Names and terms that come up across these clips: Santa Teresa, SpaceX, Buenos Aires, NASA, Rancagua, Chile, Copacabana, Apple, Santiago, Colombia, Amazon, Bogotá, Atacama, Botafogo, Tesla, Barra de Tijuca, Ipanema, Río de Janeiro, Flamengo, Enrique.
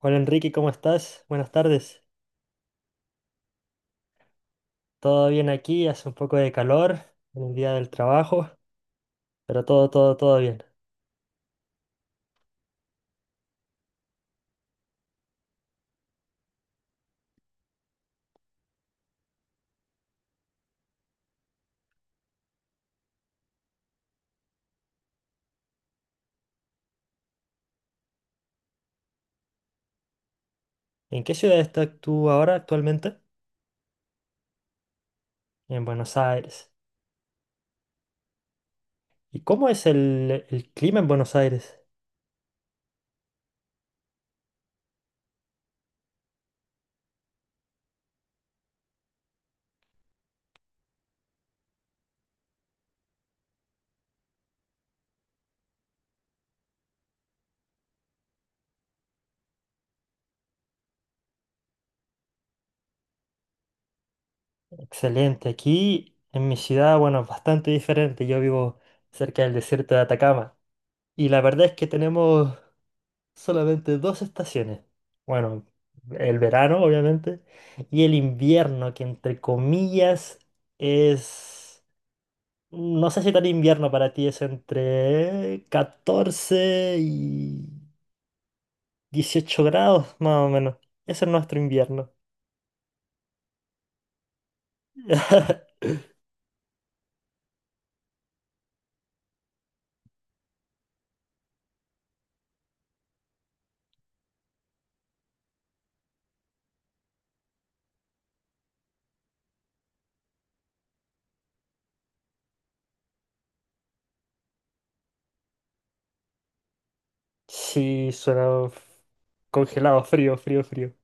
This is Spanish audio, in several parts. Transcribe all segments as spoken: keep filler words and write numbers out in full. Hola Enrique, ¿cómo estás? Buenas tardes. Todo bien aquí, hace un poco de calor en el día del trabajo, pero todo, todo, todo bien. ¿En qué ciudad estás tú ahora actualmente? En Buenos Aires. ¿Y cómo es el, el clima en Buenos Aires? Excelente. Aquí en mi ciudad, bueno, es bastante diferente. Yo vivo cerca del desierto de Atacama. Y la verdad es que tenemos solamente dos estaciones. Bueno, el verano, obviamente, y el invierno, que entre comillas es... No sé si tan invierno para ti, es entre catorce y dieciocho grados, más o menos. Ese es nuestro invierno. Sí, suena f- congelado, frío, frío, frío.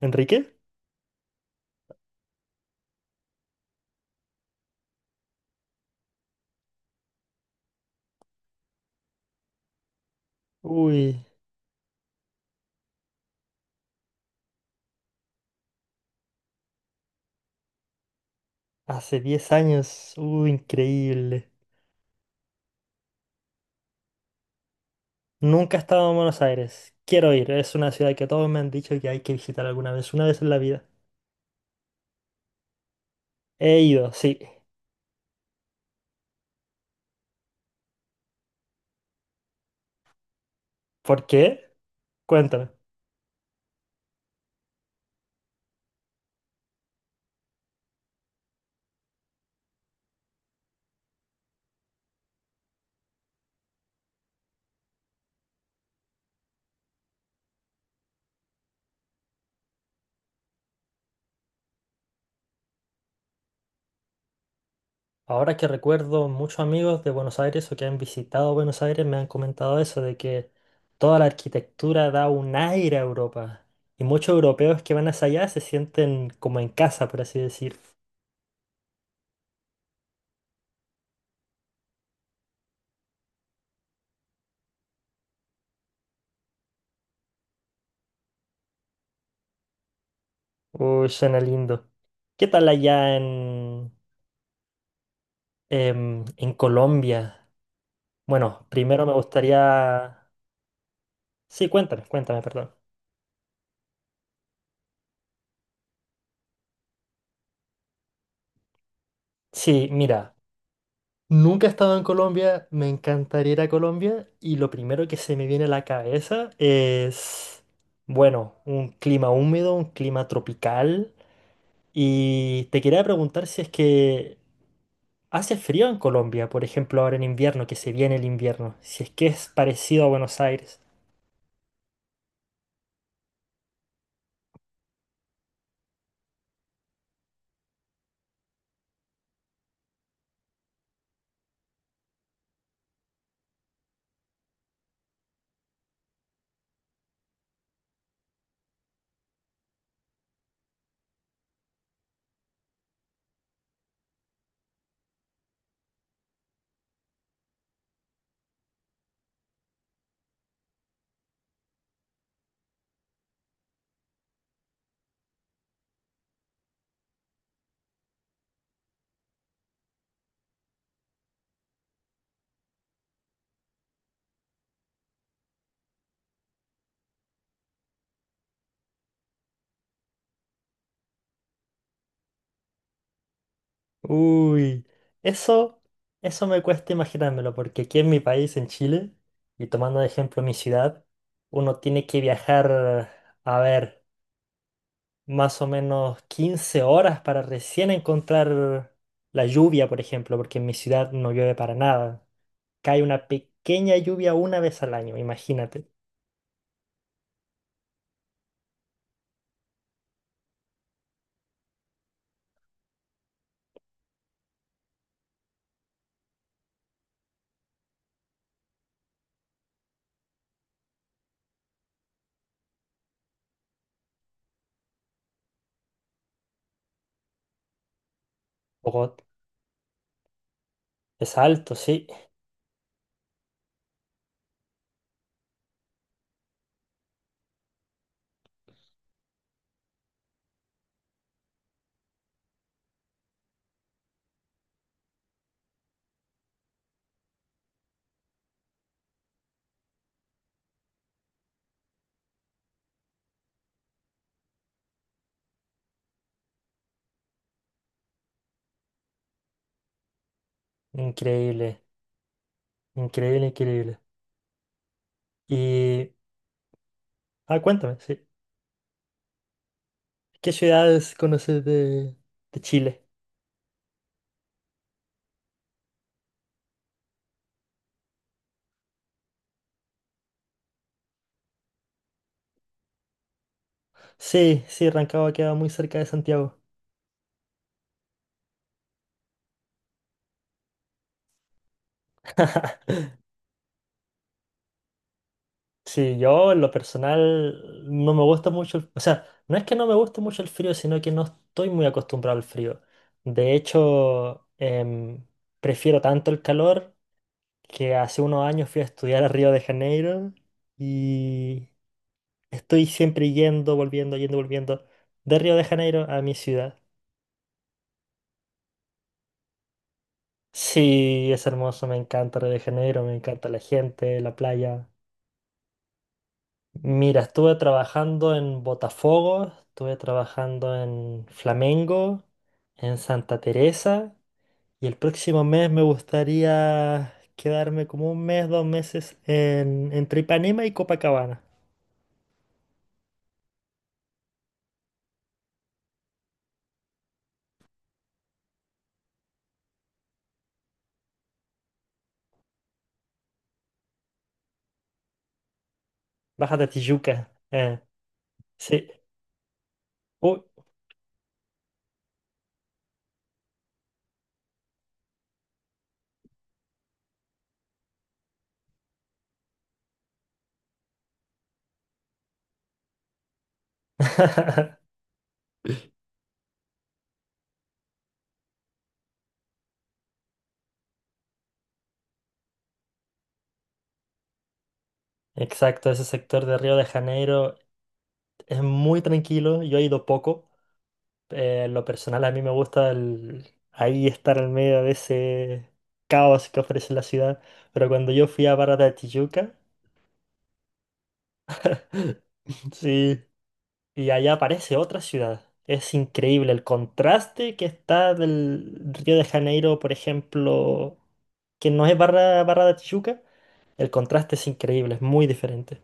¿Enrique? Uy, hace diez años. Uy, increíble. Nunca he estado en Buenos Aires. Quiero ir. Es una ciudad que todos me han dicho que hay que visitar alguna vez, una vez en la vida. He ido, sí. ¿Por qué? Cuéntame. Ahora que recuerdo, muchos amigos de Buenos Aires o que han visitado Buenos Aires me han comentado eso, de que toda la arquitectura da un aire a Europa. Y muchos europeos que van hacia allá se sienten como en casa, por así decir. Uy, suena lindo. ¿Qué tal allá en, em, en Colombia? Bueno, primero me gustaría... Sí, cuéntame, cuéntame, perdón. Sí, mira, nunca he estado en Colombia, me encantaría ir a Colombia y lo primero que se me viene a la cabeza es, bueno, un clima húmedo, un clima tropical y te quería preguntar si es que hace frío en Colombia, por ejemplo, ahora en invierno, que se viene el invierno, si es que es parecido a Buenos Aires. Uy, eso, eso me cuesta imaginármelo, porque aquí en mi país, en Chile, y tomando de ejemplo mi ciudad, uno tiene que viajar, a ver, más o menos quince horas para recién encontrar la lluvia, por ejemplo, porque en mi ciudad no llueve para nada. Cae una pequeña lluvia una vez al año, imagínate. Bogot es alto, sí. Increíble, increíble, increíble. Y, ah, cuéntame, sí. ¿Qué ciudades conoces de, de Chile? Sí, sí, Rancagua queda muy cerca de Santiago. Sí, yo en lo personal no me gusta mucho, el- o sea, no es que no me guste mucho el frío, sino que no estoy muy acostumbrado al frío. De hecho, em, prefiero tanto el calor, que hace unos años fui a estudiar a Río de Janeiro y estoy siempre yendo, volviendo, yendo, volviendo de Río de Janeiro a mi ciudad. Sí, es hermoso, me encanta Río de Janeiro, me encanta la gente, la playa. Mira, estuve trabajando en Botafogo, estuve trabajando en Flamengo, en Santa Teresa y el próximo mes me gustaría quedarme como un mes, dos meses en, entre Ipanema y Copacabana. Baja de Tijuca. eh, sí. Uy. Exacto, ese sector de Río de Janeiro es muy tranquilo, yo he ido poco. Eh, en lo personal a mí me gusta el- ahí estar en medio de ese caos que ofrece la ciudad. Pero cuando yo fui a Paratachiyuca, sí, y allá aparece otra ciudad. Es increíble el contraste que está del Río de Janeiro, por ejemplo, que no es Barra, Barra de Tijuca. El contraste es increíble, es muy diferente.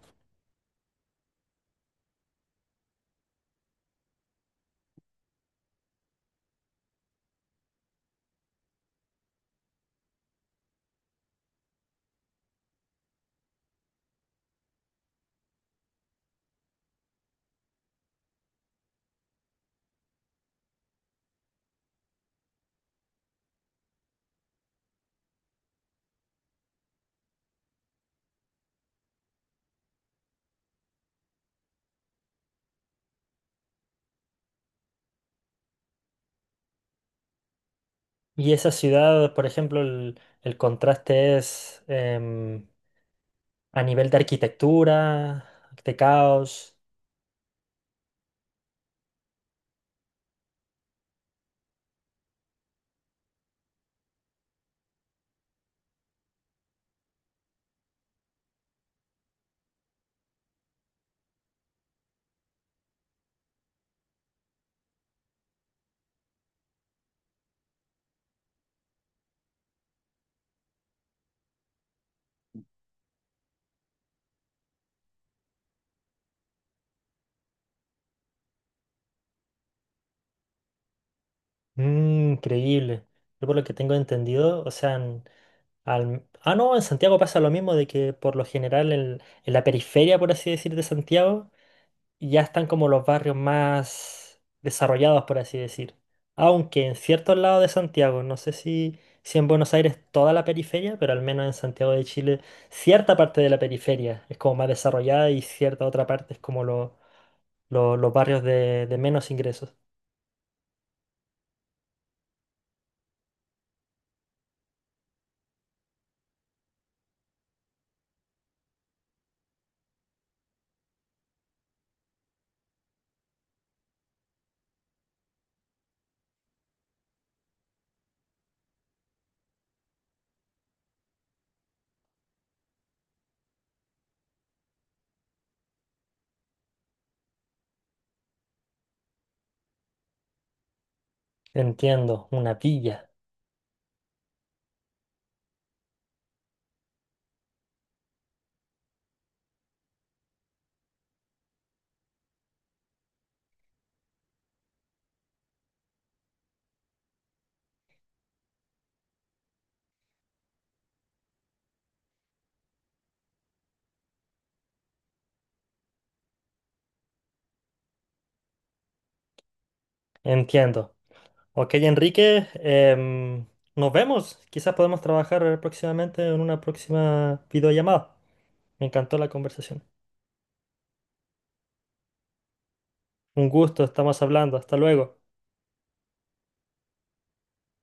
Y esa ciudad, por ejemplo, el, el contraste es em, a nivel de arquitectura, de caos. Mm, increíble. Yo por lo que tengo entendido, o sea, en- al- ah, no, en Santiago pasa lo mismo de que por lo general en, en la periferia, por así decir, de Santiago, ya están como los barrios más desarrollados, por así decir. Aunque en ciertos lados de Santiago, no sé si, si en Buenos Aires toda la periferia, pero al menos en Santiago de Chile, cierta parte de la periferia es como más desarrollada y cierta otra parte es como lo- lo- los barrios de de menos ingresos. Entiendo, una villa. Entiendo. Ok, Enrique, em, nos vemos. Quizás podemos trabajar próximamente en una próxima videollamada. Me encantó la conversación. Un gusto, estamos hablando. Hasta luego.